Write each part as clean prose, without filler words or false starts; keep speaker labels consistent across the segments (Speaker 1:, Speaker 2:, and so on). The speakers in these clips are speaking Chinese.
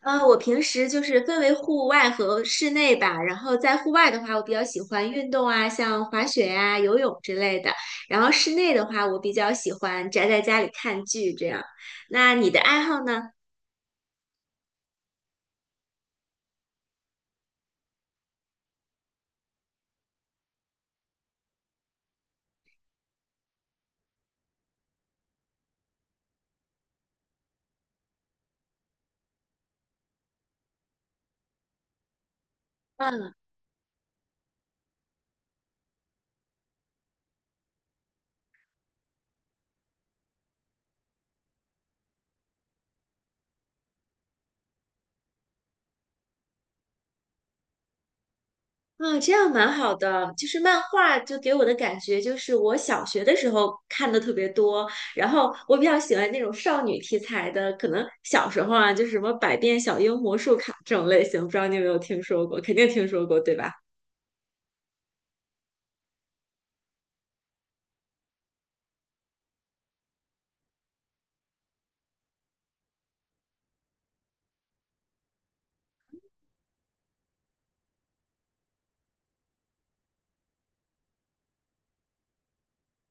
Speaker 1: 我平时就是分为户外和室内吧。然后在户外的话，我比较喜欢运动啊，像滑雪呀、游泳之类的。然后室内的话，我比较喜欢宅在家里看剧这样。那你的爱好呢？嗯啊，这样蛮好的。就是漫画，就给我的感觉就是我小学的时候看的特别多，然后我比较喜欢那种少女题材的，可能小时候啊，就是什么《百变小樱》《魔术卡》这种类型，不知道你有没有听说过？肯定听说过，对吧？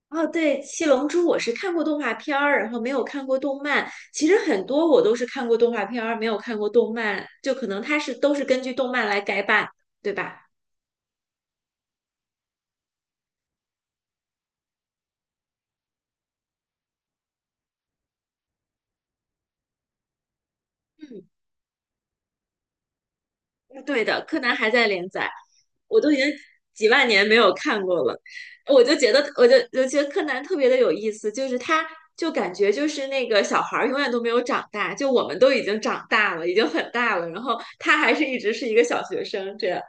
Speaker 1: 哦，对，《七龙珠》我是看过动画片儿，然后没有看过动漫。其实很多我都是看过动画片儿，没有看过动漫，就可能它是都是根据动漫来改版，对吧？嗯，对的，柯南还在连载，我都已经几万年没有看过了。我就觉得，我觉得柯南特别的有意思，就是他就感觉就是那个小孩儿永远都没有长大，就我们都已经长大了，已经很大了，然后他还是一直是一个小学生这样。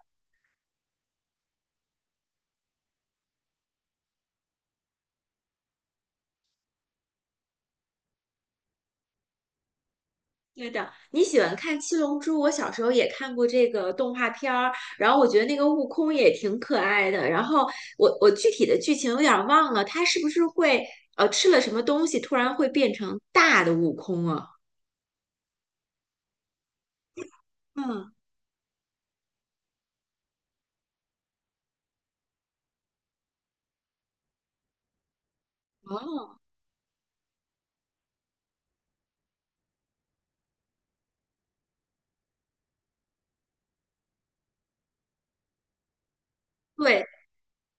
Speaker 1: 对的，你喜欢看《七龙珠》，我小时候也看过这个动画片儿，然后我觉得那个悟空也挺可爱的。然后我具体的剧情有点儿忘了，他是不是会吃了什么东西，突然会变成大的悟空啊？嗯，哦，对，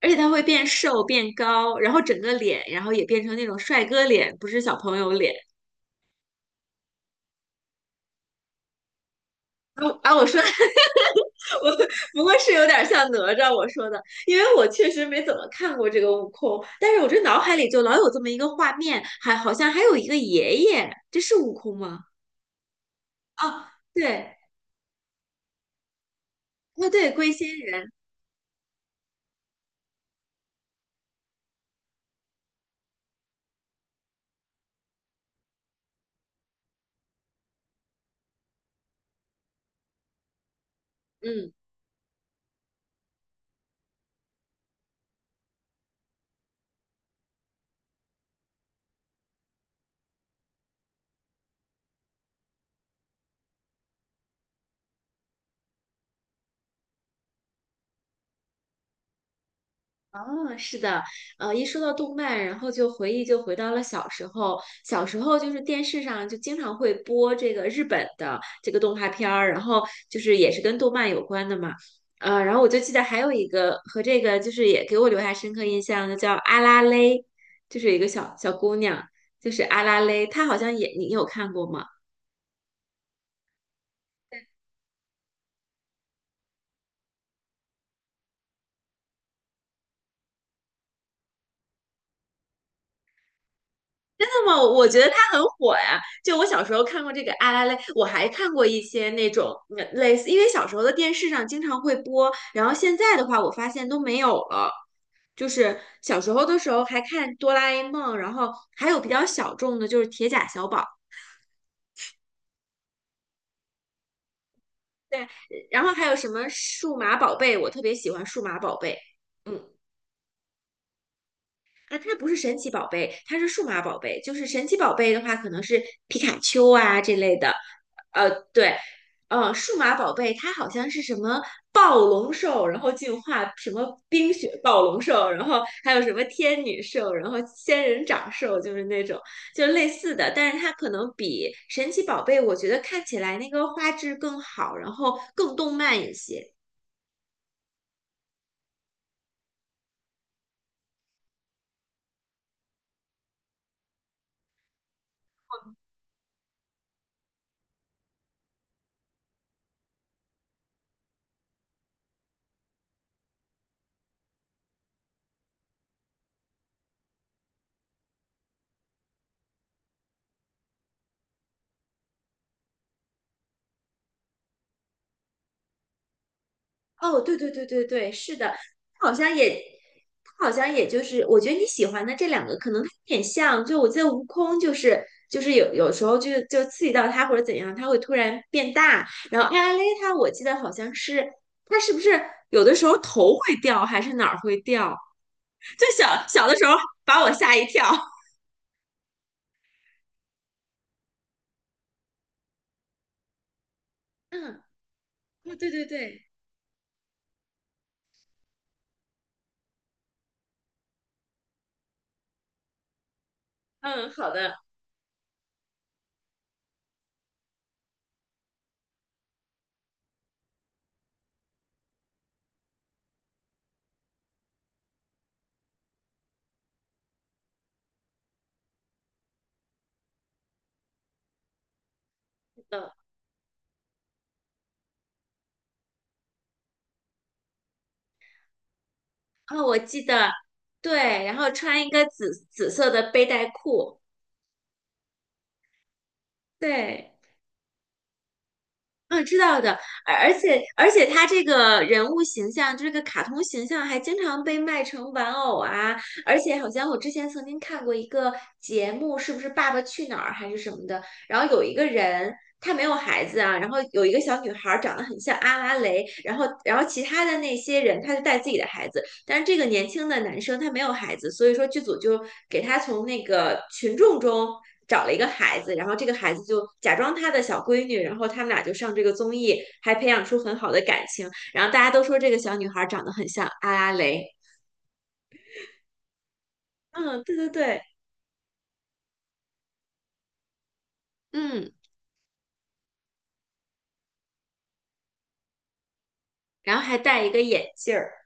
Speaker 1: 而且他会变瘦变高，然后整个脸，然后也变成那种帅哥脸，不是小朋友脸。啊,我说 我不过是有点像哪吒我说的，因为我确实没怎么看过这个悟空，但是我这脑海里就老有这么一个画面，还好像还有一个爷爷，这是悟空吗？啊，对，啊对，龟仙人，嗯。哦，是的，一说到动漫，然后就回忆就回到了小时候。小时候就是电视上就经常会播这个日本的这个动画片儿，然后就是也是跟动漫有关的嘛。然后我就记得还有一个和这个就是也给我留下深刻印象的叫阿拉蕾，就是一个小小姑娘，就是阿拉蕾，她好像也你有看过吗？那么我觉得它很火呀。就我小时候看过这个《阿拉蕾》，我还看过一些那种嗯类似，因为小时候的电视上经常会播，然后现在的话，我发现都没有了。就是小时候的时候还看《哆啦 A 梦》，然后还有比较小众的，就是《铁甲小宝》，然后还有什么《数码宝贝》，我特别喜欢《数码宝贝》。嗯，啊，它不是神奇宝贝，它是数码宝贝。就是神奇宝贝的话，可能是皮卡丘啊这类的。对，数码宝贝它好像是什么暴龙兽，然后进化什么冰雪暴龙兽，然后还有什么天女兽，然后仙人掌兽，就是那种就类似的，但是它可能比神奇宝贝我觉得看起来那个画质更好，然后更动漫一些。哦，对对对对对，是的，好像也，好像也就是，我觉得你喜欢的这两个可能有点像，就我记得悟空就是就是有有时候刺激到他或者怎样，他会突然变大，然后艾拉蕾她我记得好像是她是不是有的时候头会掉还是哪儿会掉，就小小的时候把我吓一跳。嗯，哦，对对对，嗯，好的，我记得对，然后穿一个紫紫色的背带裤，对。嗯，知道的，而且他这个人物形象，就这个卡通形象还经常被卖成玩偶啊，而且好像我之前曾经看过一个节目，是不是《爸爸去哪儿》还是什么的，然后有一个人他没有孩子啊，然后有一个小女孩儿长得很像阿拉蕾，然后其他的那些人他就带自己的孩子，但是这个年轻的男生他没有孩子，所以说剧组就给他从那个群众中找了一个孩子，然后这个孩子就假装他的小闺女，然后他们俩就上这个综艺，还培养出很好的感情。然后大家都说这个小女孩长得很像阿拉蕾，嗯，对对对，嗯，然后还戴一个眼镜儿。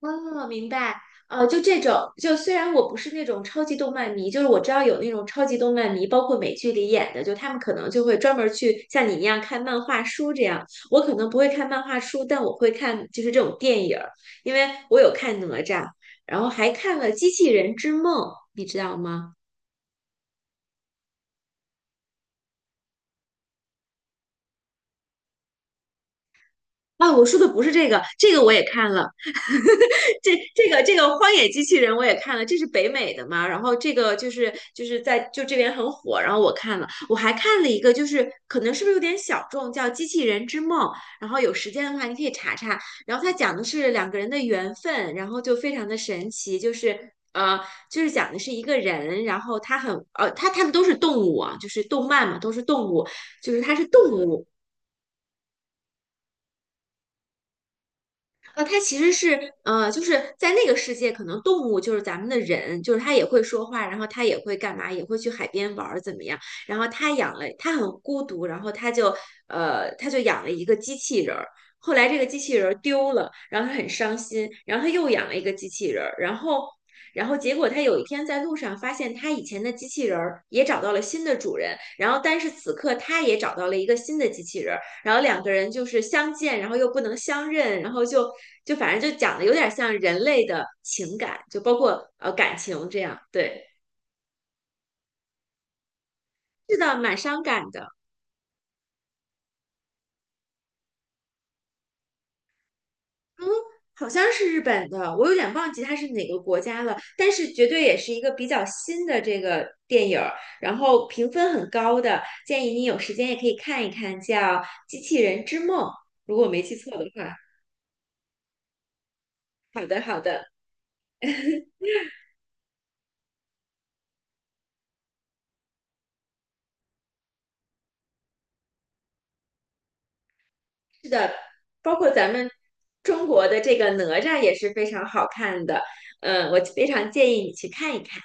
Speaker 1: 哦，明白。就这种，就虽然我不是那种超级动漫迷，就是我知道有那种超级动漫迷，包括美剧里演的，就他们可能就会专门儿去像你一样看漫画书这样。我可能不会看漫画书，但我会看就是这种电影儿，因为我有看哪吒，然后还看了《机器人之梦》，你知道吗？啊，我说的不是这个，这个我也看了。这个《荒野机器人》我也看了，这是北美的嘛，然后这个就是在这边很火，然后我看了，我还看了一个，就是可能是不是有点小众，叫《机器人之梦》，然后有时间的话你可以查查，然后它讲的是两个人的缘分，然后就非常的神奇，就是。就是讲的是一个人，然后他很他们都是动物啊，就是动漫嘛，都是动物，就是他是动物，它其实是就是在那个世界，可能动物就是咱们的人，就是它也会说话，然后它也会干嘛，也会去海边玩儿怎么样？然后他养了，他很孤独，然后他就他就养了一个机器人儿。后来这个机器人儿丢了，然后他很伤心，然后他又养了一个机器人儿，然后结果他有一天在路上发现他以前的机器人儿也找到了新的主人，然后但是此刻他也找到了一个新的机器人。然后两个人就是相见，然后又不能相认，然后就就反正就讲的有点像人类的情感，就包括感情这样。对，是的，蛮伤感的。嗯，好像是日本的，我有点忘记它是哪个国家了，但是绝对也是一个比较新的这个电影儿，然后评分很高的，建议你有时间也可以看一看，叫《机器人之梦》，如果我没记错的话。好的，好的。包括咱们中国的这个哪吒也是非常好看的，嗯，我非常建议你去看一看。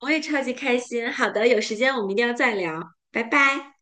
Speaker 1: 我也超级开心。好的，有时间我们一定要再聊，拜拜。